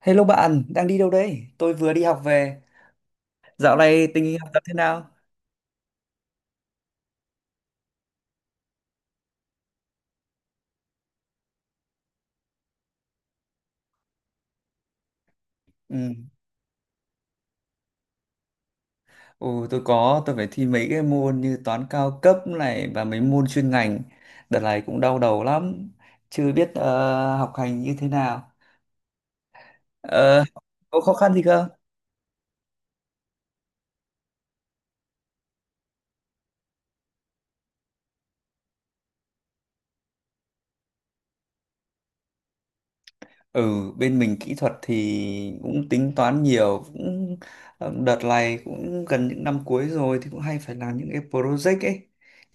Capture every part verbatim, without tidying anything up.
Hello bạn, đang đi đâu đấy? Tôi vừa đi học về. Dạo này tình hình học tập thế nào? Ừ. Ồ, tôi có, tôi phải thi mấy cái môn như toán cao cấp này và mấy môn chuyên ngành. Đợt này cũng đau đầu lắm, chưa biết ờ, học hành như thế nào. Ờ, có khó khăn gì không? Ừ, bên mình kỹ thuật thì cũng tính toán nhiều, cũng ờ, đợt này cũng gần những năm cuối rồi thì cũng hay phải làm những cái project ấy.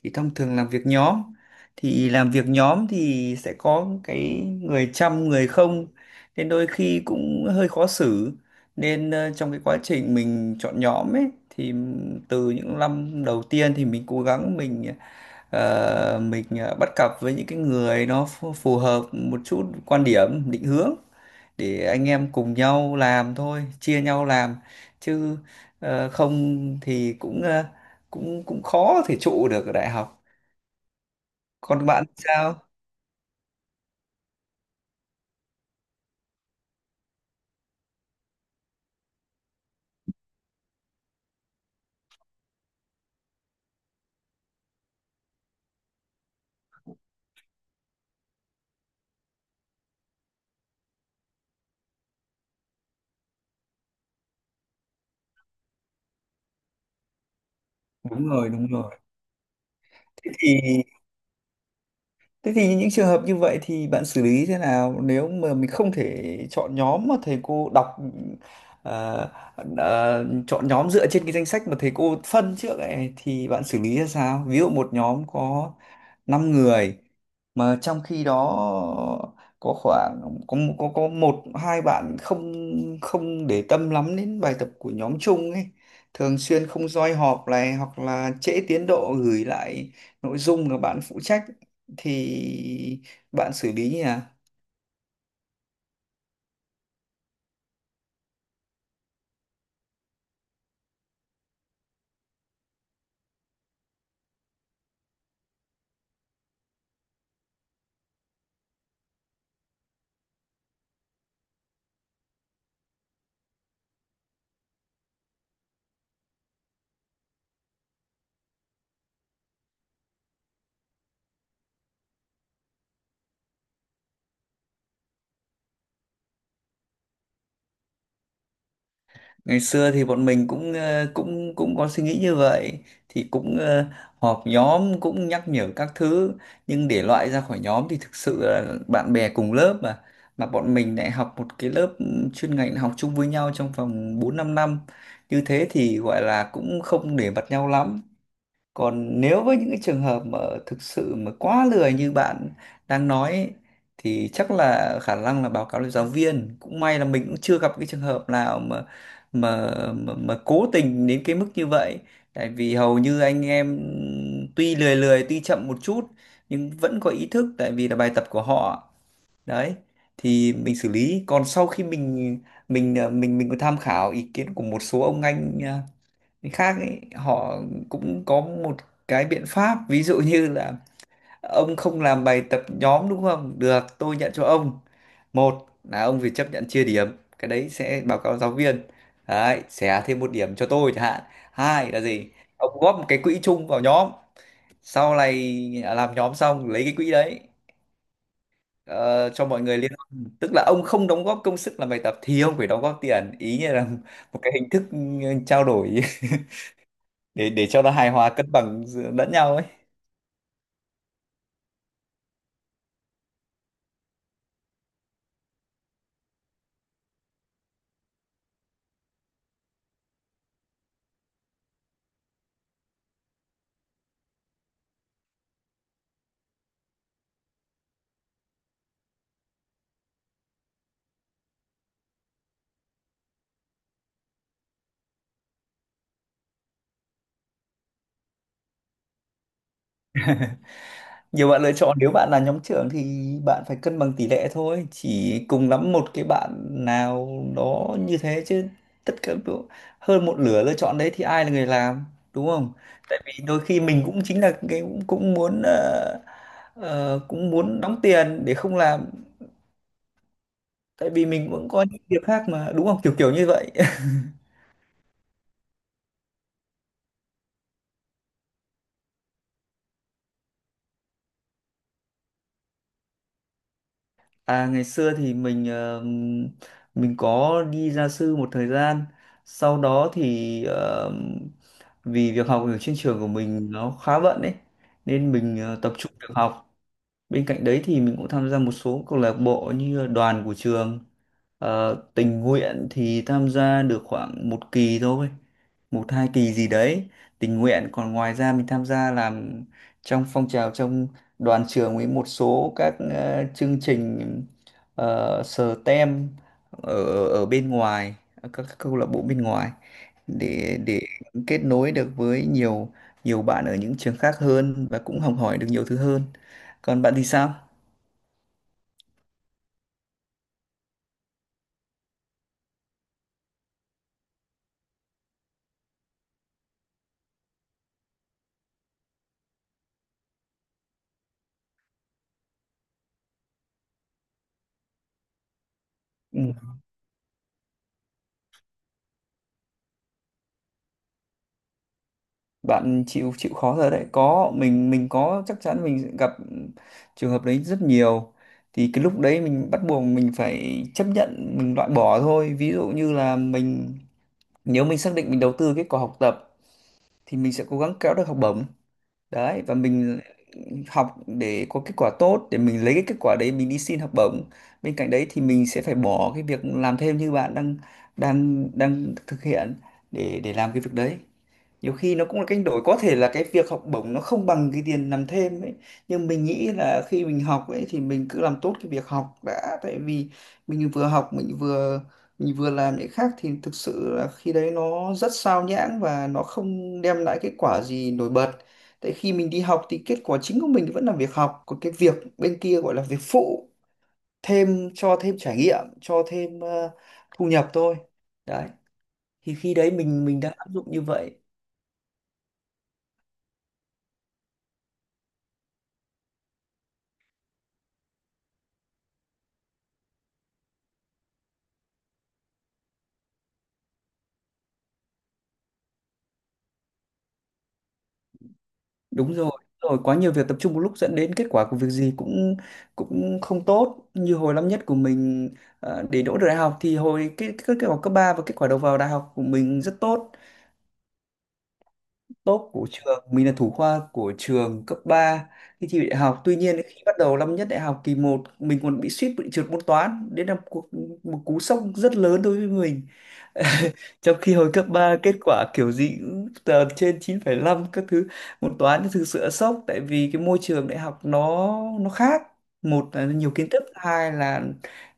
Thì thông thường làm việc nhóm, thì làm việc nhóm thì sẽ có cái người chăm người không, nên đôi khi cũng hơi khó xử. Nên ờ, trong cái quá trình mình chọn nhóm ấy thì từ những năm đầu tiên thì mình cố gắng mình ờ, mình ờ, bắt cặp với những cái người nó phù phù hợp một chút quan điểm, định hướng để anh em cùng nhau làm thôi, chia nhau làm chứ ờ, không thì cũng ờ, cũng cũng khó thể trụ được ở đại học. Còn bạn sao? Đúng rồi, đúng rồi. Thế thì Thế thì những trường hợp như vậy thì bạn xử lý thế nào, nếu mà mình không thể chọn nhóm mà thầy cô đọc ờ, ờ, chọn nhóm dựa trên cái danh sách mà thầy cô phân trước ấy, thì bạn xử lý ra sao? Ví dụ một nhóm có năm người mà trong khi đó có khoảng có có có một hai bạn không không để tâm lắm đến bài tập của nhóm chung ấy, thường xuyên không roi họp này hoặc là trễ tiến độ gửi lại nội dung mà bạn phụ trách, thì bạn xử lý nhỉ? Ngày xưa thì bọn mình cũng ờ, cũng cũng có suy nghĩ như vậy, thì cũng ờ, họp nhóm cũng nhắc nhở các thứ. Nhưng để loại ra khỏi nhóm thì thực sự là bạn bè cùng lớp, mà mà bọn mình lại học một cái lớp ừ, chuyên ngành học chung với nhau trong vòng bốn 5 năm, như thế thì gọi là cũng không để mặt nhau lắm. Còn nếu với những cái trường hợp mà thực sự mà quá lười như bạn đang nói ấy, thì chắc là khả năng là báo cáo lên giáo viên. Cũng may là mình cũng chưa gặp cái trường hợp nào mà mà mà, mà cố tình đến cái mức như vậy. Tại vì hầu như anh em tuy lười lười, tuy chậm một chút nhưng vẫn có ý thức tại vì là bài tập của họ. Đấy, thì mình xử lý. Còn sau khi mình mình ờ, mình mình có tham khảo ý kiến của một số ông anh ờ, cái khác ấy, họ cũng có một cái biện pháp, ví dụ như là: ông không làm bài tập nhóm, đúng không được, tôi nhận cho ông. Một là ông phải chấp nhận chia điểm, cái đấy sẽ báo cáo giáo viên, đấy xẻ thêm một điểm cho tôi chẳng hạn. Hai là gì? Ông góp một cái quỹ chung vào nhóm, sau này làm nhóm xong lấy cái quỹ đấy ờ, cho mọi người liên quan. Tức là ông không đóng góp công sức làm bài tập thì ông phải đóng góp tiền ý, như là một cái hình thức ừ, trao đổi để để cho nó hài hòa cân bằng giữa- lẫn nhau ấy. Nhiều bạn lựa chọn, nếu bạn là nhóm trưởng thì bạn phải cân bằng tỷ lệ thôi, chỉ cùng lắm một cái bạn nào đó như thế chứ. Tất cả đu- hơn một nửa lựa chọn đấy thì ai là người làm, đúng không? Tại vì đôi khi mình cũng chính là cái cũng, cũng muốn ờ, ờ, cũng muốn đóng tiền để không làm, tại vì mình cũng có những việc khác mà, đúng không, kiểu kiểu như vậy. À, ngày xưa thì mình ờ, mình có đi gia sư một thời gian. Sau đó thì ờ, vì việc học ở trên trường của mình nó khá bận ấy, nên mình ờ, tập trung việc học. Bên cạnh đấy thì mình cũng tham gia một số câu lạc bộ như là đoàn của trường. Ờ, tình nguyện thì tham gia được khoảng một kỳ thôi, một hai kỳ gì đấy. Tình nguyện, còn ngoài ra mình tham gia làm trong phong trào, trong đoàn trường, với một số các ờ, chương trình uh, STEM ở ở bên ngoài, ở các câu lạc bộ bên ngoài để để kết nối được với nhiều nhiều bạn ở những trường khác hơn và cũng học hỏi được nhiều thứ hơn. Còn bạn thì sao? Ừ. Bạn chịu chịu khó rồi đấy, có mình mình có, chắc chắn mình sẽ gặp trường hợp đấy rất nhiều. Thì cái lúc đấy mình bắt buộc mình phải chấp nhận mình loại bỏ thôi. Ví dụ như là mình, nếu mình xác định mình đầu tư kết quả học tập thì mình sẽ cố gắng kéo được học bổng đấy, và mình học để có kết quả tốt để mình lấy cái kết quả đấy mình đi xin học bổng. Bên cạnh đấy thì mình sẽ phải bỏ cái việc làm thêm như bạn đang đang đang thực hiện để để làm cái việc đấy. Nhiều khi nó cũng là cách đổi, có thể là cái việc học bổng nó không bằng cái tiền làm thêm ấy, nhưng mình nghĩ là khi mình học ấy thì mình cứ làm tốt cái việc học đã. Tại vì mình vừa học, mình vừa mình vừa làm những khác thì thực sự là khi đấy nó rất sao nhãng và nó không đem lại kết quả gì nổi bật. Tại khi mình đi học thì kết quả chính của mình vẫn là việc học, còn cái việc bên kia gọi là việc phụ, thêm cho thêm trải nghiệm, cho thêm ờ, thu nhập thôi. Đấy, thì khi đấy mình mình đã áp dụng như vậy. Đúng rồi, đúng rồi, quá nhiều việc tập trung một lúc dẫn đến kết quả của việc gì cũng cũng không tốt, như hồi năm nhất của mình. Ờ, để đỗ được đại học thì hồi cái cái kết quả cấp ba và kết quả đầu vào đại học của mình rất tốt, top của trường. Mình là thủ khoa của trường cấp ba khi thi đại học. Tuy nhiên, khi bắt đầu năm nhất đại học kỳ một, mình còn bị suýt bị trượt môn toán, đến là một, cú- một cú sốc rất lớn đối với mình trong khi hồi cấp ba kết quả kiểu gì cũng tờ trên chín phẩy năm các thứ. Môn toán thì thực sự sốc, tại vì cái môi trường đại học nó nó khác, một là nhiều kiến thức, hai là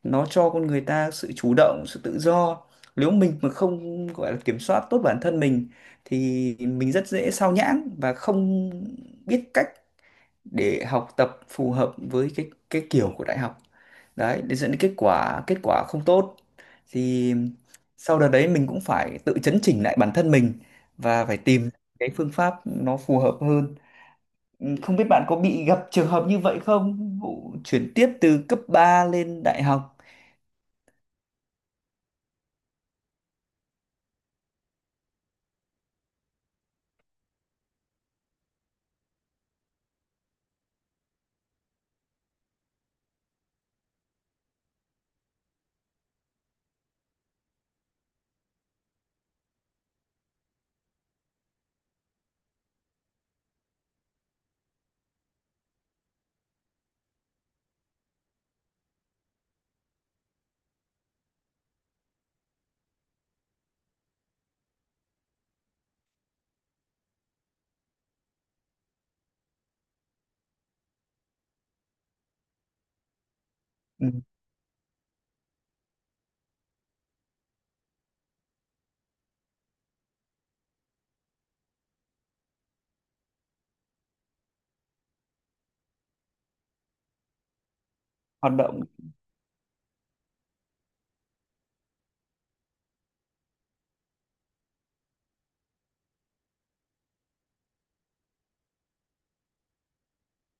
nó cho con người ta sự chủ động, sự tự do. Nếu mình mà không gọi là kiểm soát tốt bản thân mình thì mình rất dễ sao nhãng và không biết cách để học tập phù hợp với cái cái kiểu của đại học đấy, để dẫn đến kết quả kết quả không tốt. Thì sau đợt đấy mình cũng phải tự chấn chỉnh lại bản thân mình và phải tìm cái phương pháp nó phù hợp hơn. Ừ, không biết bạn có bị gặp trường hợp như vậy không, vụ chuyển tiếp từ cấp ba lên đại học? Ừ, hoạt động.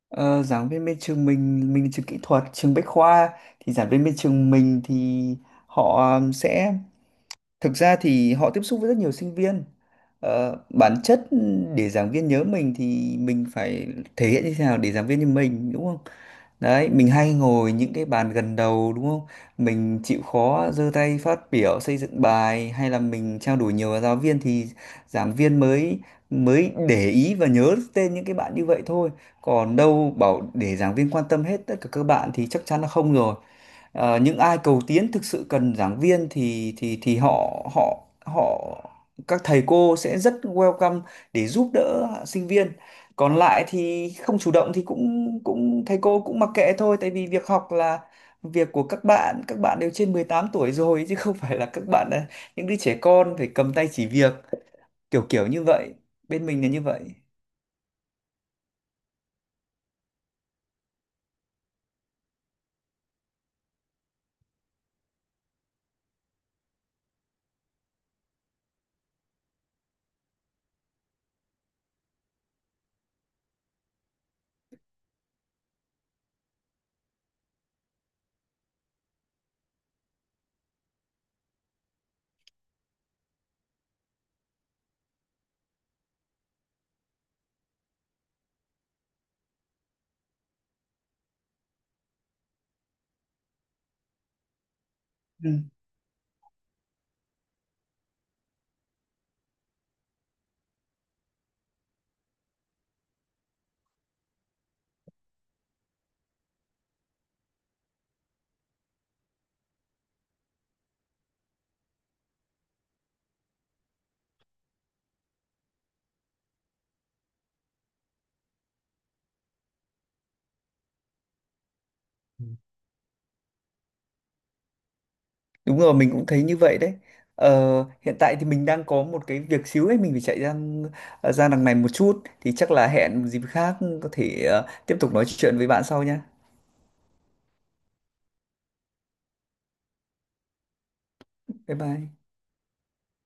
Ờ, giảng viên bên trường mình mình là trường kỹ thuật, trường Bách Khoa, thì giảng viên bên trường mình thì họ um, sẽ, thực ra thì họ tiếp xúc với rất nhiều sinh viên. Ờ, bản chất để giảng viên nhớ mình thì mình phải thể hiện như thế nào để giảng viên như mình, đúng không? Đấy, mình hay ngồi những cái bàn gần đầu, đúng không? Mình chịu khó giơ tay phát biểu xây dựng bài, hay là mình trao đổi nhiều với giáo viên thì giảng viên mới mới để ý và nhớ tên những cái bạn như vậy thôi. Còn đâu bảo để giảng viên quan tâm hết tất cả các bạn thì chắc chắn là không rồi. Ờ, những ai cầu tiến thực sự cần giảng viên thì thì thì họ họ họ các thầy cô sẽ rất welcome để giúp đỡ sinh viên. Còn lại thì không chủ động thì cũng cũng thầy cô cũng mặc kệ thôi, tại vì việc học là việc của các bạn, các bạn đều trên mười tám tuổi rồi chứ không phải là các bạn là những đứa trẻ con phải cầm tay chỉ việc, kiểu kiểu như vậy. Bên mình là như vậy. Ừ. Đúng rồi, mình cũng thấy như vậy đấy. Ờ, hiện tại thì mình đang có một cái việc xíu ấy, mình phải chạy ra ra đằng này một chút. Thì chắc là hẹn một dịp khác, có thể ờ, tiếp tục nói chuyện với bạn sau nha. Bye bye.